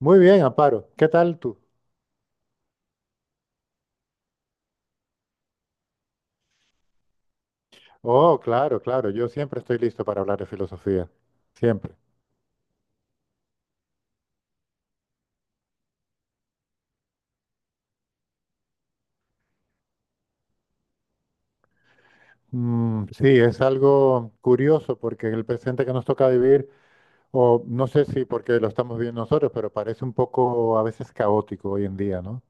Muy bien, Amparo. ¿Qué tal tú? Oh, claro, claro. Yo siempre estoy listo para hablar de filosofía. Siempre. Mm, sí, es algo curioso porque el presente que nos toca vivir, o no sé si porque lo estamos viviendo nosotros, pero parece un poco a veces caótico hoy en día, ¿no?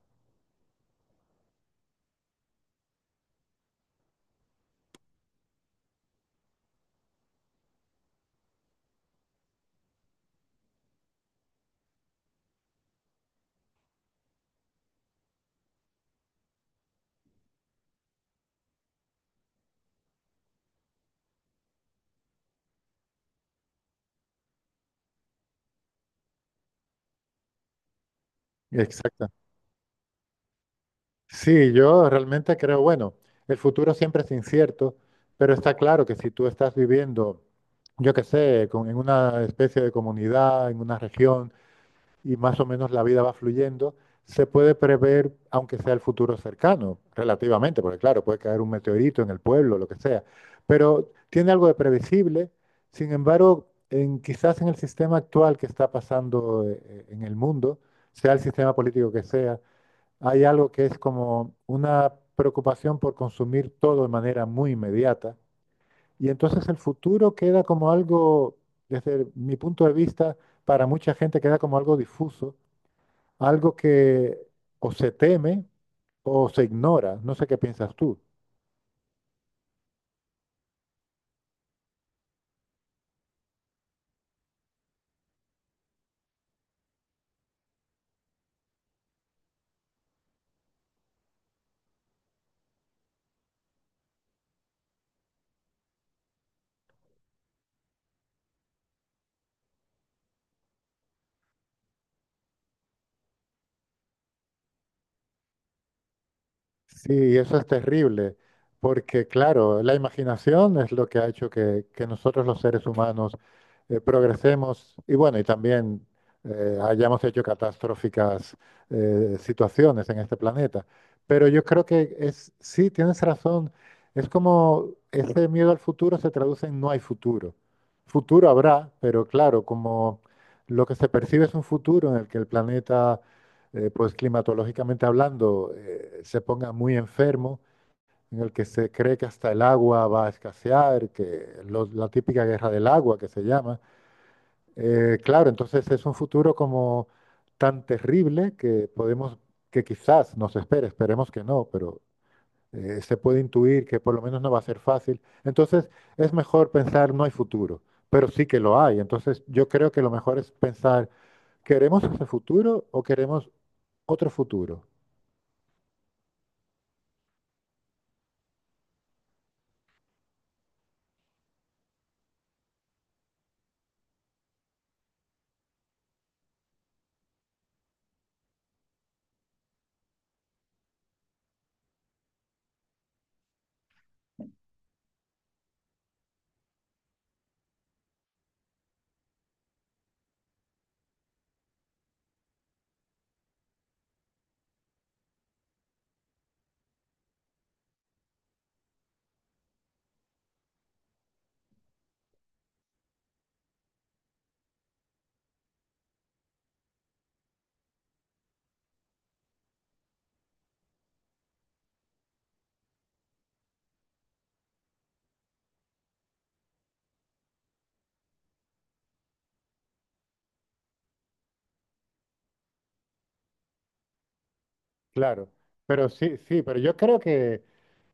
Exactamente. Sí, yo realmente creo, bueno, el futuro siempre es incierto, pero está claro que si tú estás viviendo, yo qué sé, en una especie de comunidad, en una región, y más o menos la vida va fluyendo, se puede prever, aunque sea el futuro cercano, relativamente, porque claro, puede caer un meteorito en el pueblo, lo que sea, pero tiene algo de previsible. Sin embargo, quizás en el sistema actual que está pasando en el mundo, sea el sistema político que sea, hay algo que es como una preocupación por consumir todo de manera muy inmediata. Y entonces el futuro queda como algo, desde mi punto de vista, para mucha gente queda como algo difuso, algo que o se teme o se ignora. No sé qué piensas tú. Sí, eso es terrible, porque claro, la imaginación es lo que ha hecho que, nosotros los seres humanos progresemos y bueno, y también hayamos hecho catastróficas situaciones en este planeta. Pero yo creo que sí, tienes razón, es como ese miedo al futuro se traduce en no hay futuro. Futuro habrá, pero claro, como lo que se percibe es un futuro en el que el planeta, pues climatológicamente hablando, se ponga muy enfermo, en el que se cree que hasta el agua va a escasear, que la típica guerra del agua que se llama. Claro, entonces es un futuro como tan terrible que podemos, que quizás nos espere, esperemos que no, pero se puede intuir que por lo menos no va a ser fácil. Entonces es mejor pensar no hay futuro, pero sí que lo hay. Entonces yo creo que lo mejor es pensar, ¿queremos ese futuro o queremos otro futuro? Claro, pero sí, sí, pero yo creo que,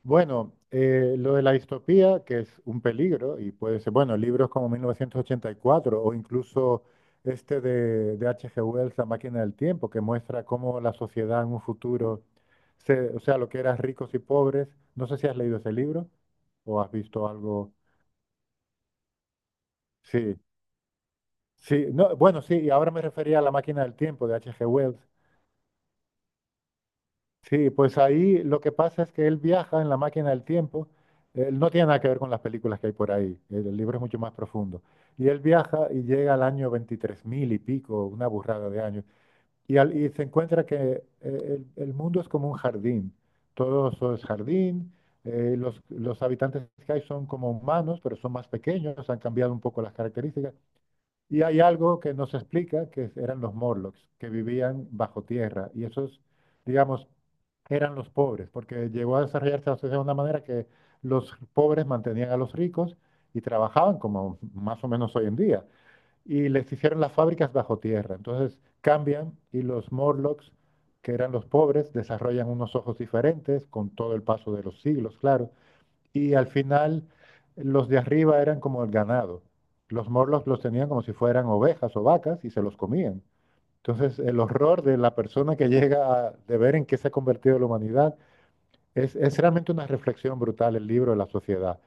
bueno, lo de la distopía, que es un peligro, y puede ser, bueno, libros como 1984 o incluso este de H G. Wells, La máquina del tiempo, que muestra cómo la sociedad en un futuro, o sea, lo que eran ricos y pobres. No sé si has leído ese libro o has visto algo. Sí, sí, no, bueno, sí, y ahora me refería a La máquina del tiempo de H. G. Wells. Sí, pues ahí lo que pasa es que él viaja en la máquina del tiempo. Él no tiene nada que ver con las películas que hay por ahí. El libro es mucho más profundo. Y él viaja y llega al año 23.000 y pico, una burrada de años. Y se encuentra que el mundo es como un jardín. Todo eso es jardín. Los habitantes que hay son como humanos, pero son más pequeños. Han cambiado un poco las características. Y hay algo que nos explica que eran los Morlocks, que vivían bajo tierra. Y esos, digamos, eran los pobres, porque llegó a desarrollarse la sociedad de una manera que los pobres mantenían a los ricos y trabajaban como más o menos hoy en día. Y les hicieron las fábricas bajo tierra. Entonces cambian y los Morlocks, que eran los pobres, desarrollan unos ojos diferentes con todo el paso de los siglos, claro. Y al final los de arriba eran como el ganado. Los morlos los tenían como si fueran ovejas o vacas y se los comían. Entonces el horror de la persona que llega a, de ver en qué se ha convertido la humanidad es, realmente una reflexión brutal el libro de la sociedad.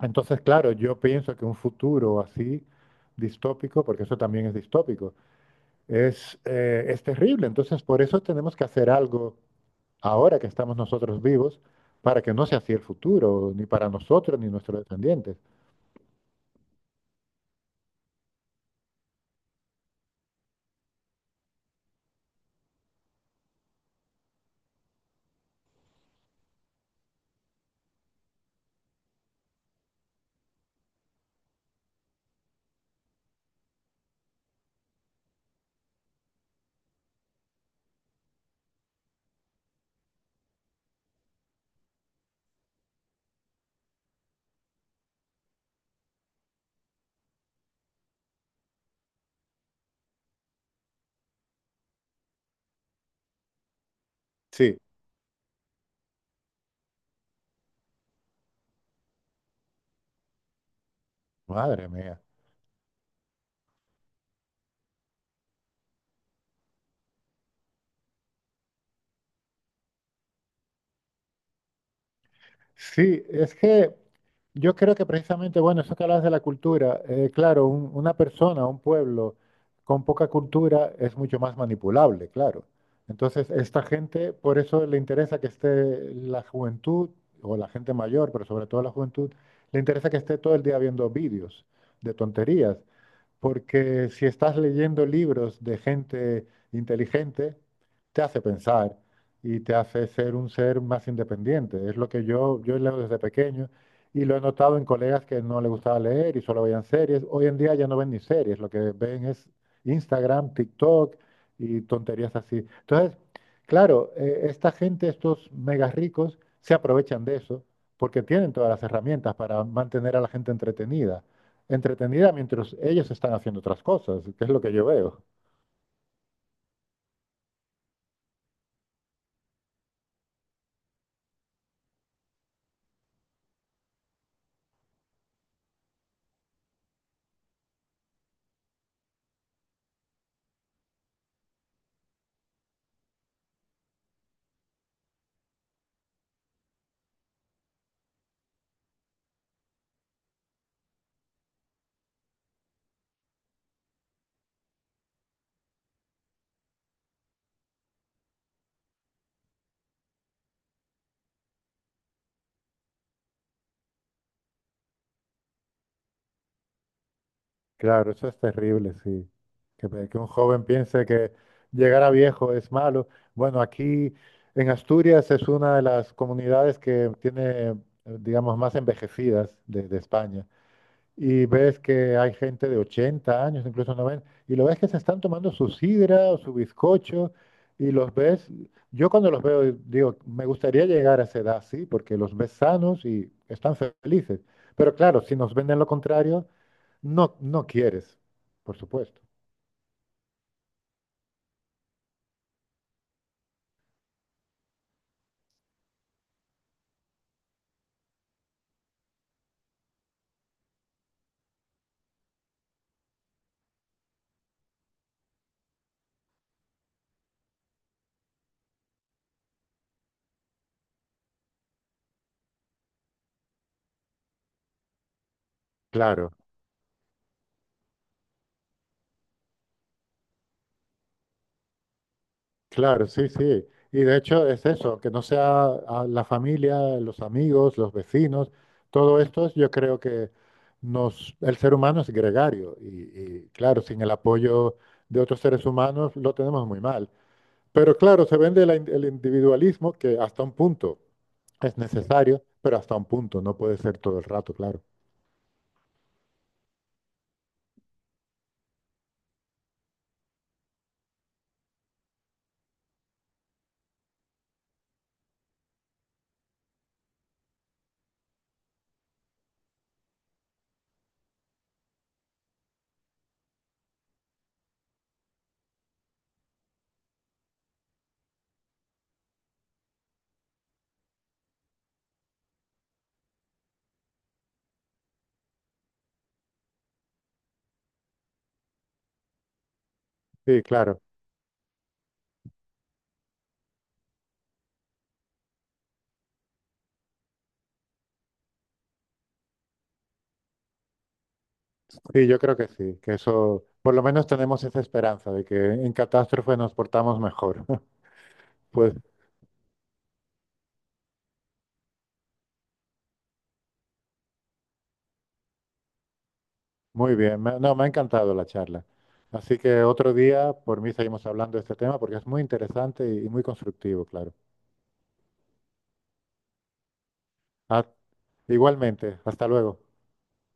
Entonces, claro, yo pienso que un futuro así distópico, porque eso también es distópico, es terrible. Entonces, por eso tenemos que hacer algo ahora que estamos nosotros vivos para que no sea así el futuro, ni para nosotros ni nuestros descendientes. Sí, madre mía. Sí, es que yo creo que precisamente, bueno, eso que hablas de la cultura, claro, una persona, un pueblo con poca cultura es mucho más manipulable, claro. Entonces, esta gente, por eso le interesa que esté la juventud, o la gente mayor, pero sobre todo la juventud, le interesa que esté todo el día viendo vídeos de tonterías. Porque si estás leyendo libros de gente inteligente, te hace pensar y te hace ser un ser más independiente. Es lo que yo, leo desde pequeño y lo he notado en colegas que no les gustaba leer y solo veían series. Hoy en día ya no ven ni series, lo que ven es Instagram, TikTok y tonterías así. Entonces, claro, esta gente, estos mega ricos, se aprovechan de eso porque tienen todas las herramientas para mantener a la gente entretenida mientras ellos están haciendo otras cosas, que es lo que yo veo. Claro, eso es terrible, sí. Que, que un joven piense que llegar a viejo es malo. Bueno, aquí en Asturias es una de las comunidades que tiene, digamos, más envejecidas de España. Y ves que hay gente de 80 años, incluso 90 y lo ves que se están tomando su sidra o su bizcocho, y los ves, yo cuando los veo digo, me gustaría llegar a esa edad, sí, porque los ves sanos y están felices. Pero claro, si nos venden lo contrario, no, no quieres, por supuesto. Claro. Claro, sí, sí. Y de hecho es eso, que no sea a la familia, los amigos, los vecinos, todo esto yo creo que el ser humano es gregario y, claro, sin el apoyo de otros seres humanos lo tenemos muy mal. Pero claro, se vende el individualismo que hasta un punto es necesario, pero hasta un punto, no puede ser todo el rato, claro. Sí, claro. Sí, yo creo que sí, que eso, por lo menos tenemos esa esperanza de que en catástrofe nos portamos mejor. Pues muy bien, no, me ha encantado la charla. Así que otro día, por mí, seguimos hablando de este tema porque es muy interesante y muy constructivo, claro. Ah, igualmente, hasta luego.